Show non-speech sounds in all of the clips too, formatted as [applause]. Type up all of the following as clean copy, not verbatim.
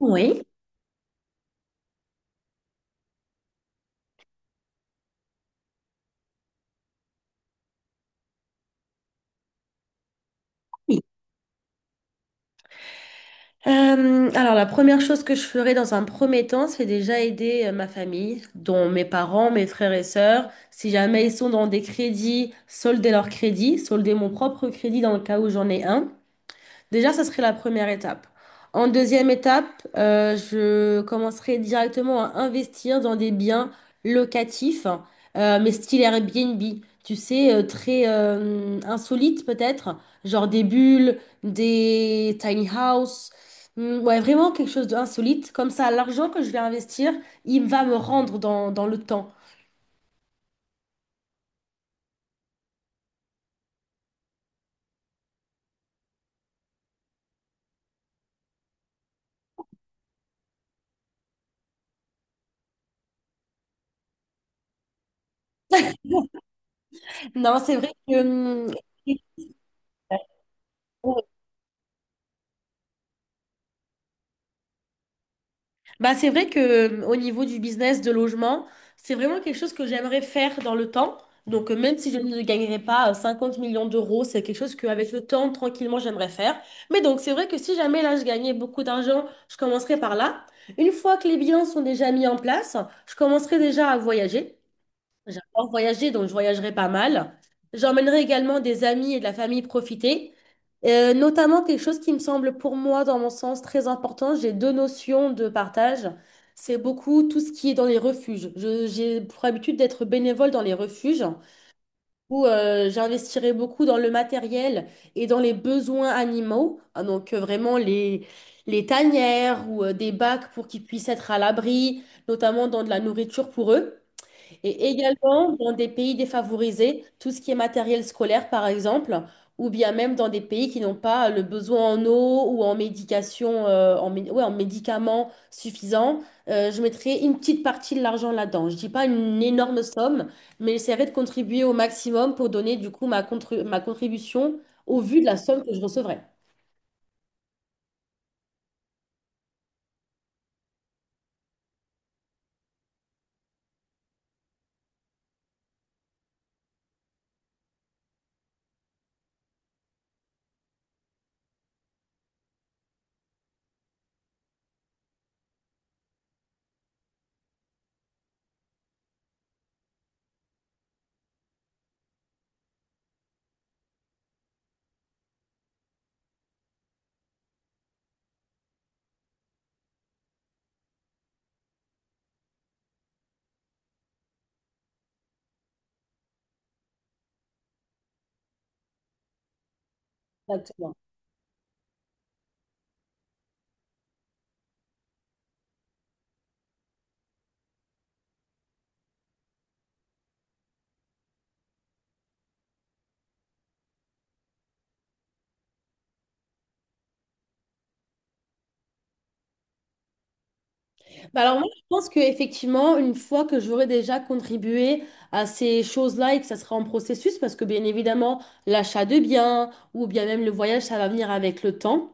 Oui. Oui. Alors, la première chose que je ferai dans un premier temps, c'est déjà aider ma famille, dont mes parents, mes frères et sœurs. Si jamais ils sont dans des crédits, solder leur crédit, solder mon propre crédit dans le cas où j'en ai un. Déjà, ça serait la première étape. En deuxième étape, je commencerai directement à investir dans des biens locatifs, mais style Airbnb, tu sais, très insolite peut-être, genre des bulles, des tiny house. Hmm, ouais, vraiment quelque chose d'insolite. Comme ça, l'argent que je vais investir, il va me rendre dans le temps. Non, c'est vrai que... hum, Bah, c'est vrai que au niveau du business de logement, c'est vraiment quelque chose que j'aimerais faire dans le temps. Donc, même si je ne gagnerais pas 50 millions d'euros, c'est quelque chose qu'avec le temps, tranquillement, j'aimerais faire. Mais donc, c'est vrai que si jamais là, je gagnais beaucoup d'argent, je commencerai par là. Une fois que les biens sont déjà mis en place, je commencerai déjà à voyager. J'adore voyager, donc je voyagerai pas mal. J'emmènerai également des amis et de la famille profiter. Notamment quelque chose qui me semble pour moi, dans mon sens, très important, j'ai deux notions de partage. C'est beaucoup tout ce qui est dans les refuges. J'ai pour habitude d'être bénévole dans les refuges où j'investirai beaucoup dans le matériel et dans les besoins animaux. Ah, donc vraiment les tanières ou des bacs pour qu'ils puissent être à l'abri, notamment dans de la nourriture pour eux. Et également dans des pays défavorisés, tout ce qui est matériel scolaire, par exemple, ou bien même dans des pays qui n'ont pas le besoin en eau ou en médication, en médicaments suffisants, je mettrai une petite partie de l'argent là-dedans. Je dis pas une énorme somme, mais j'essaierai de contribuer au maximum pour donner du coup ma contribution au vu de la somme que je recevrai. Exactement. Bah alors moi, je pense qu'effectivement, une fois que j'aurai déjà contribué à ces choses-là et que ça sera en processus, parce que bien évidemment, l'achat de biens ou bien même le voyage, ça va venir avec le temps.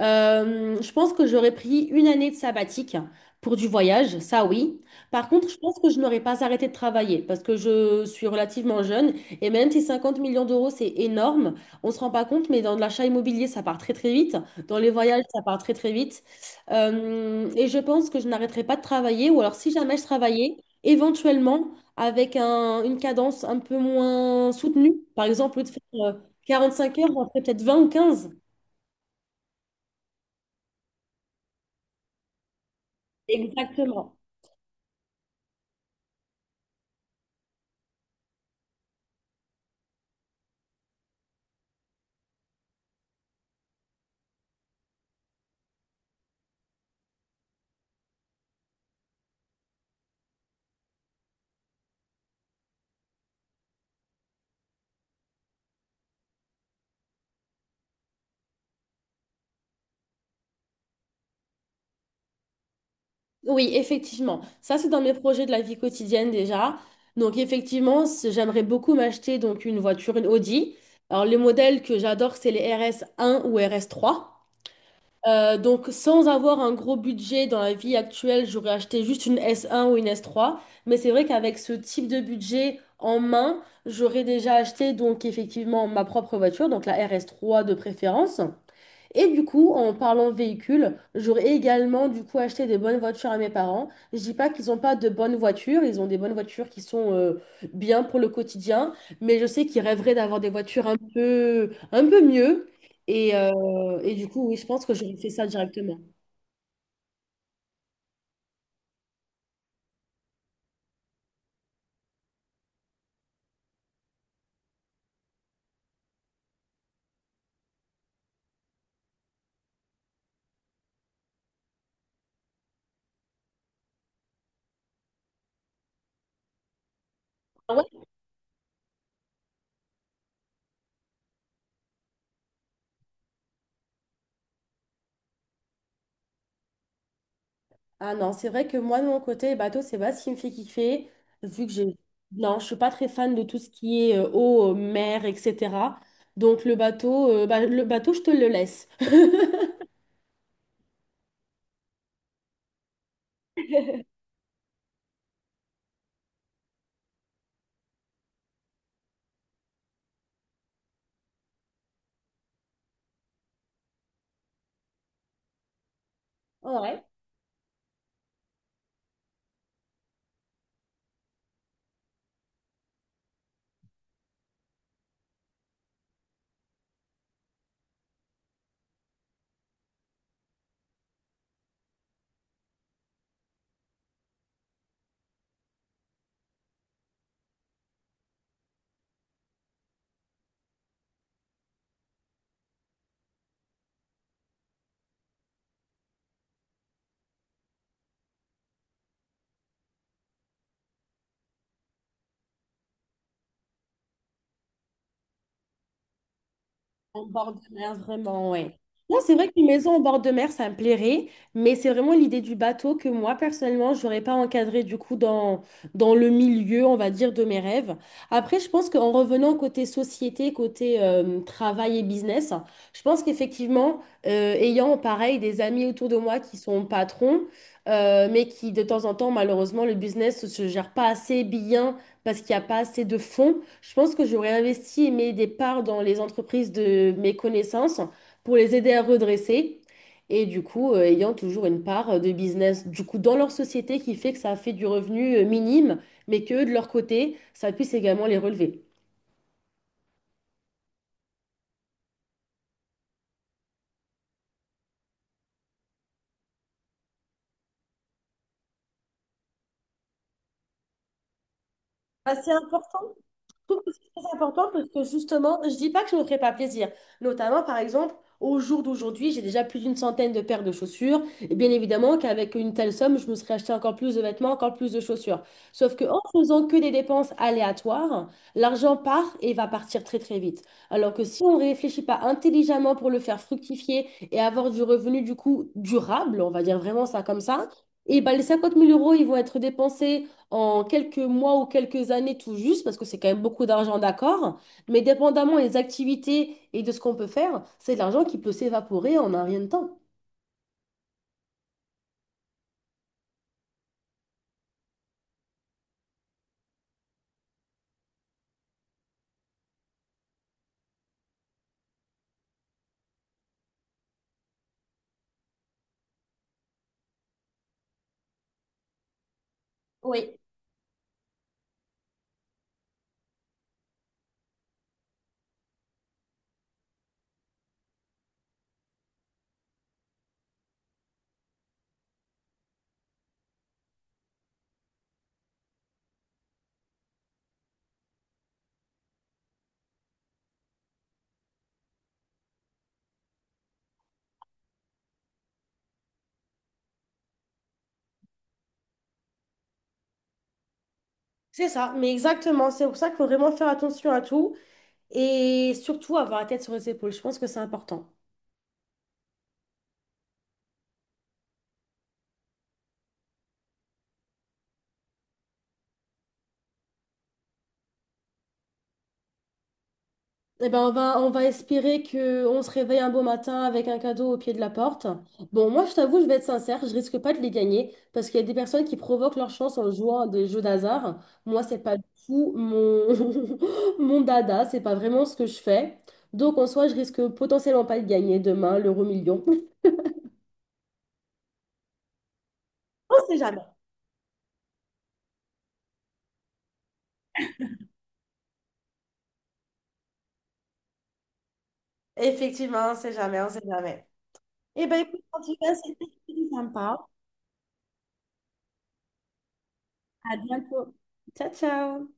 Je pense que j'aurais pris une année de sabbatique pour du voyage, ça oui. Par contre, je pense que je n'aurais pas arrêté de travailler parce que je suis relativement jeune et même si 50 millions d'euros, c'est énorme, on ne se rend pas compte, mais dans l'achat immobilier, ça part très très vite. Dans les voyages, ça part très très vite. Et je pense que je n'arrêterai pas de travailler, ou alors si jamais je travaillais, éventuellement avec une cadence un peu moins soutenue. Par exemple, au lieu de faire 45 heures, j'en ferais peut-être 20 ou 15. Exactement. Oui, effectivement. Ça, c'est dans mes projets de la vie quotidienne déjà. Donc, effectivement, j'aimerais beaucoup m'acheter donc une voiture, une Audi. Alors, les modèles que j'adore, c'est les RS1 ou RS3. Donc, sans avoir un gros budget dans la vie actuelle, j'aurais acheté juste une S1 ou une S3. Mais c'est vrai qu'avec ce type de budget en main, j'aurais déjà acheté donc effectivement ma propre voiture, donc la RS3 de préférence. Et du coup, en parlant véhicule, j'aurais également du coup acheté des bonnes voitures à mes parents. Je dis pas qu'ils n'ont pas de bonnes voitures, ils ont des bonnes voitures qui sont bien pour le quotidien, mais je sais qu'ils rêveraient d'avoir des voitures un peu mieux. Et du coup, oui, je pense que j'aurais fait ça directement. Ah ouais? Ah non, c'est vrai que moi, de mon côté, bateau, c'est pas ce qui me fait kiffer, vu que j'ai... Non, je suis pas très fan de tout ce qui est eau, mer, etc. Donc le bateau, je te le laisse. [laughs] Ouais. En bord de mer, vraiment, ouais. Non, c'est vrai qu'une maison en bord de mer, ça me plairait, mais c'est vraiment l'idée du bateau que moi, personnellement, je n'aurais pas encadré du coup dans le milieu, on va dire, de mes rêves. Après, je pense qu'en revenant côté société, côté travail et business, je pense qu'effectivement, ayant pareil des amis autour de moi qui sont patrons, mais qui de temps en temps, malheureusement, le business ne se gère pas assez bien parce qu'il n'y a pas assez de fonds. Je pense que j'aurais investi et mis des parts dans les entreprises de mes connaissances pour les aider à redresser. Et du coup, ayant toujours une part de business du coup, dans leur société qui fait que ça fait du revenu minime, mais que de leur côté, ça puisse également les relever. Ah, c'est important. Trouve que c'est très important parce que justement, je dis pas que je ne me ferai pas plaisir. Notamment, par exemple, au jour d'aujourd'hui, j'ai déjà plus d'une centaine de paires de chaussures. Et bien évidemment qu'avec une telle somme, je me serais acheté encore plus de vêtements, encore plus de chaussures. Sauf que en faisant que des dépenses aléatoires, l'argent part et va partir très très vite. Alors que si on ne réfléchit pas intelligemment pour le faire fructifier et avoir du revenu du coup durable, on va dire vraiment ça comme ça, et ben les 50 000 euros, ils vont être dépensés en quelques mois ou quelques années tout juste, parce que c'est quand même beaucoup d'argent, d'accord, mais dépendamment des activités et de ce qu'on peut faire, c'est de l'argent qui peut s'évaporer en un rien de temps. Oui, c'est ça, mais exactement. C'est pour ça qu'il faut vraiment faire attention à tout et surtout avoir la tête sur les épaules. Je pense que c'est important. Eh ben on va espérer qu'on se réveille un beau matin avec un cadeau au pied de la porte. Bon, moi, je t'avoue, je vais être sincère, je risque pas de les gagner parce qu'il y a des personnes qui provoquent leur chance en jouant à des jeux d'hasard. Moi, c'est pas du tout mon, [laughs] mon dada, c'est pas vraiment ce que je fais. Donc, en soi, je risque potentiellement pas de gagner demain l'euro million. [laughs] On sait jamais. Effectivement, on sait jamais, on sait jamais. Eh ben écoute, en tout cas, c'était très sympa. À bientôt. Ciao, ciao.